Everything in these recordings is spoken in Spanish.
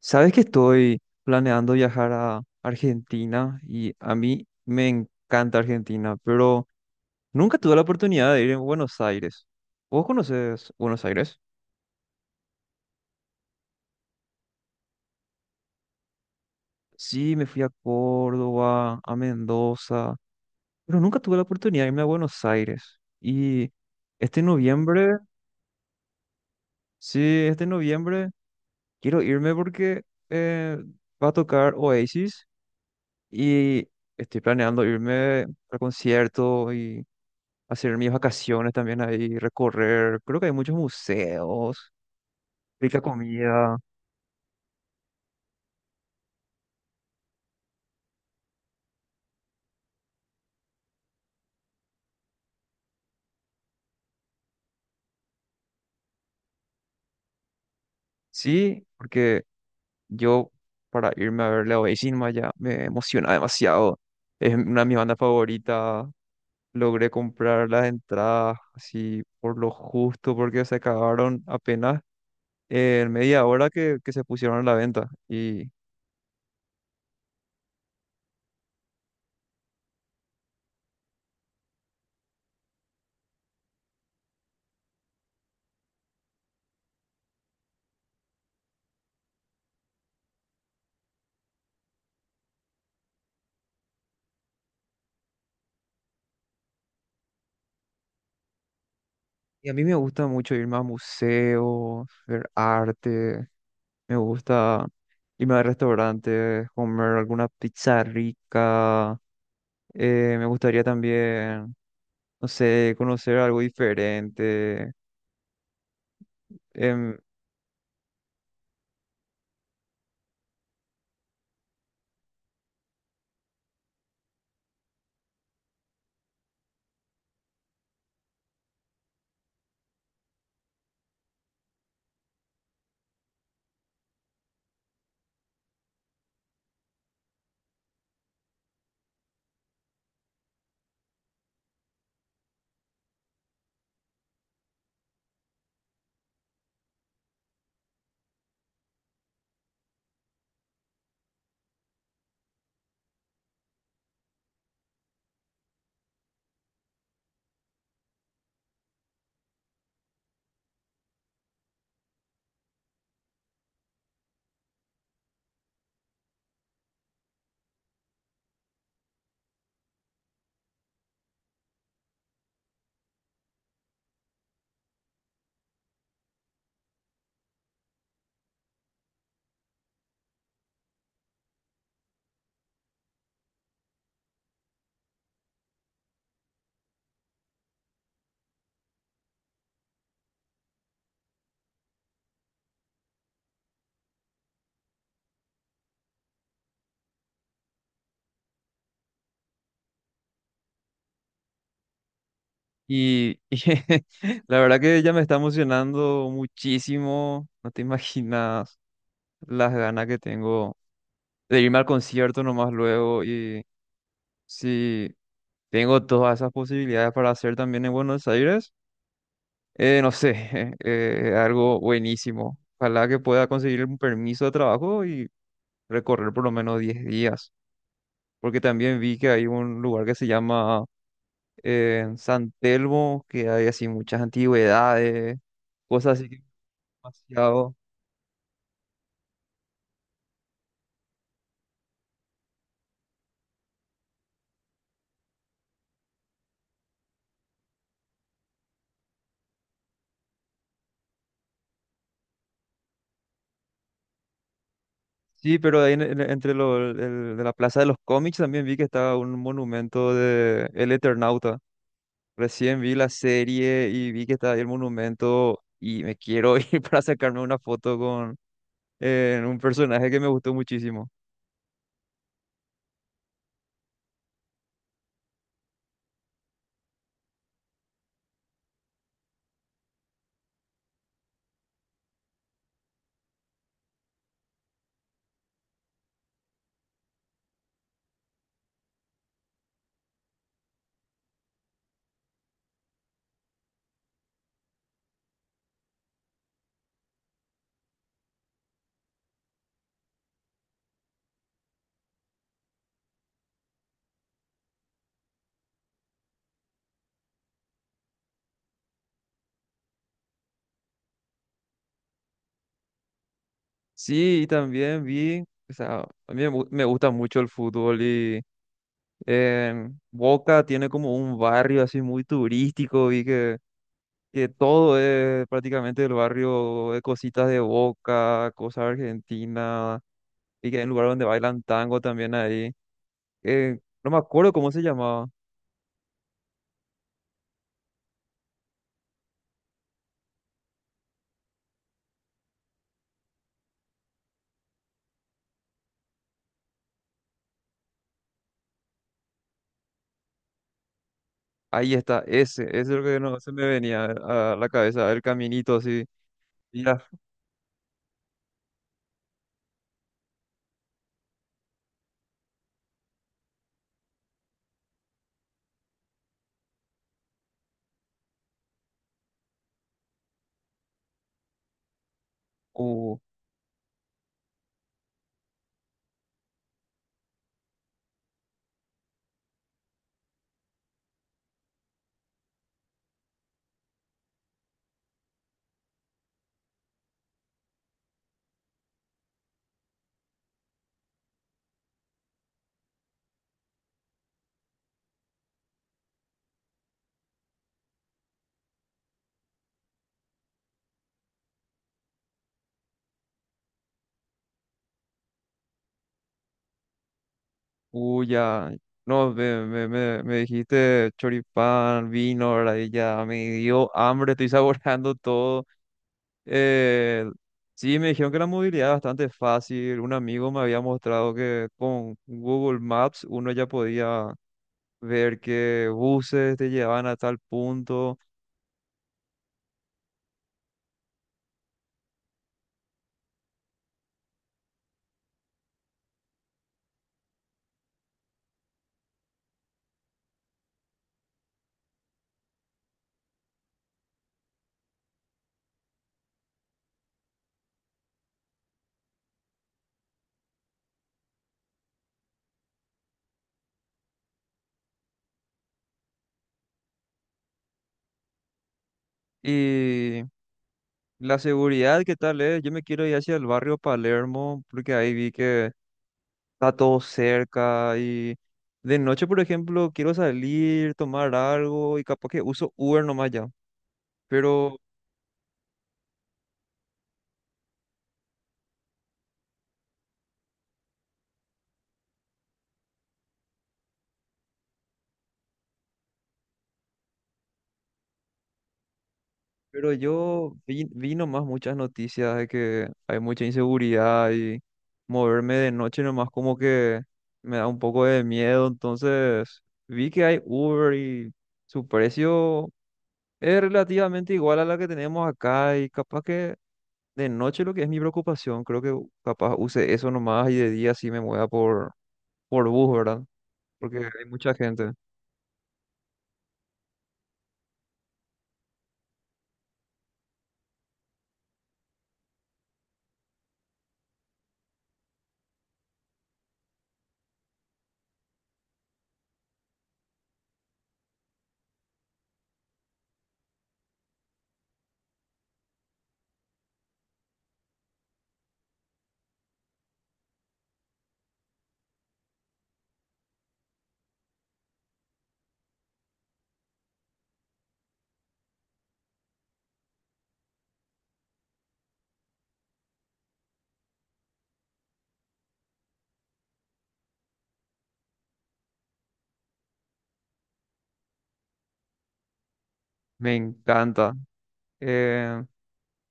Sabes que estoy planeando viajar a Argentina y a mí me encanta Argentina, pero nunca tuve la oportunidad de ir en Buenos Aires. ¿Vos conoces Buenos Aires? Sí, me fui a Córdoba, a Mendoza, pero nunca tuve la oportunidad de irme a Buenos Aires. Y este noviembre, sí, este noviembre quiero irme porque eh, va a tocar Oasis y estoy planeando irme al concierto y hacer mis vacaciones también ahí, recorrer. Creo que hay muchos museos, rica comida. Sí, porque yo para irme a ver Leo Bellín ya me emociona demasiado. Es una de mis bandas favoritas. Logré comprar las entradas así por lo justo porque se acabaron apenas en media hora que se pusieron a la venta. Y a mí me gusta mucho ir más a museos, ver arte. Me gusta irme a restaurantes, comer alguna pizza rica. Me gustaría también, no sé, conocer algo diferente. em, y, y la verdad que ya me está emocionando muchísimo. No te imaginas las ganas que tengo de irme al concierto nomás luego. Y si tengo todas esas posibilidades para hacer también en Buenos Aires. No sé, algo buenísimo. Ojalá que pueda conseguir un permiso de trabajo y recorrer por lo menos 10 días. Porque también vi que hay un lugar que se llama San Telmo, que hay así muchas antigüedades, cosas así que demasiado. Sí, pero ahí entre de la Plaza de los Cómics también vi que estaba un monumento de El Eternauta. Recién vi la serie y vi que estaba ahí el monumento y me quiero ir para sacarme una foto en un personaje que me gustó muchísimo. Sí, y también vi, o sea, a mí me, me gusta mucho el fútbol y en Boca tiene como un barrio así muy turístico y que todo es prácticamente el barrio de cositas de Boca, cosas argentinas, y que hay un lugar donde bailan tango también ahí. No me acuerdo cómo se llamaba. Ahí está, ese es lo que no se me venía a la cabeza, el caminito así. Mira, uh, ya. No, me dijiste choripán, vino, ¿verdad? Y ya me dio hambre, estoy saboreando todo. Eh, sí, me dijeron que la movilidad es bastante fácil. Un amigo me había mostrado que con Google Maps uno ya podía ver qué buses te llevaban a tal punto. Y la seguridad, ¿qué tal es? Yo me quiero ir hacia el barrio Palermo porque ahí vi que está todo cerca y de noche, por ejemplo, quiero salir, tomar algo y capaz que uso Uber nomás ya. Pero, pero yo vi, vi nomás muchas noticias de que hay mucha inseguridad y moverme de noche nomás como que me da un poco de miedo. Entonces vi que hay Uber y su precio es relativamente igual a la que tenemos acá y capaz que de noche lo que es mi preocupación, creo que capaz use eso nomás y de día sí me mueva por bus, ¿verdad? Porque hay mucha gente. Me encanta. Eh,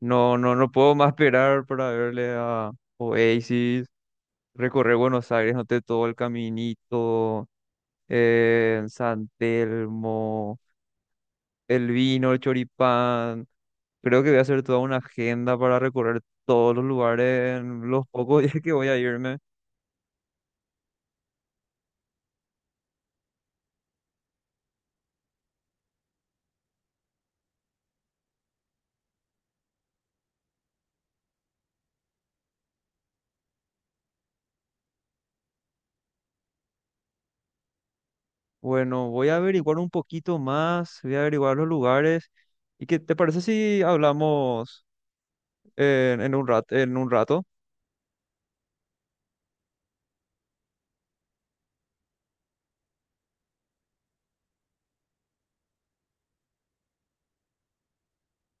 no, puedo más esperar para verle a Oasis, recorrer Buenos Aires, noté todo el caminito, San Telmo, el vino, el choripán. Creo que voy a hacer toda una agenda para recorrer todos los lugares en los pocos días que voy a irme. Bueno, voy a averiguar un poquito más, voy a averiguar los lugares. ¿Y qué te parece si hablamos? En un rato.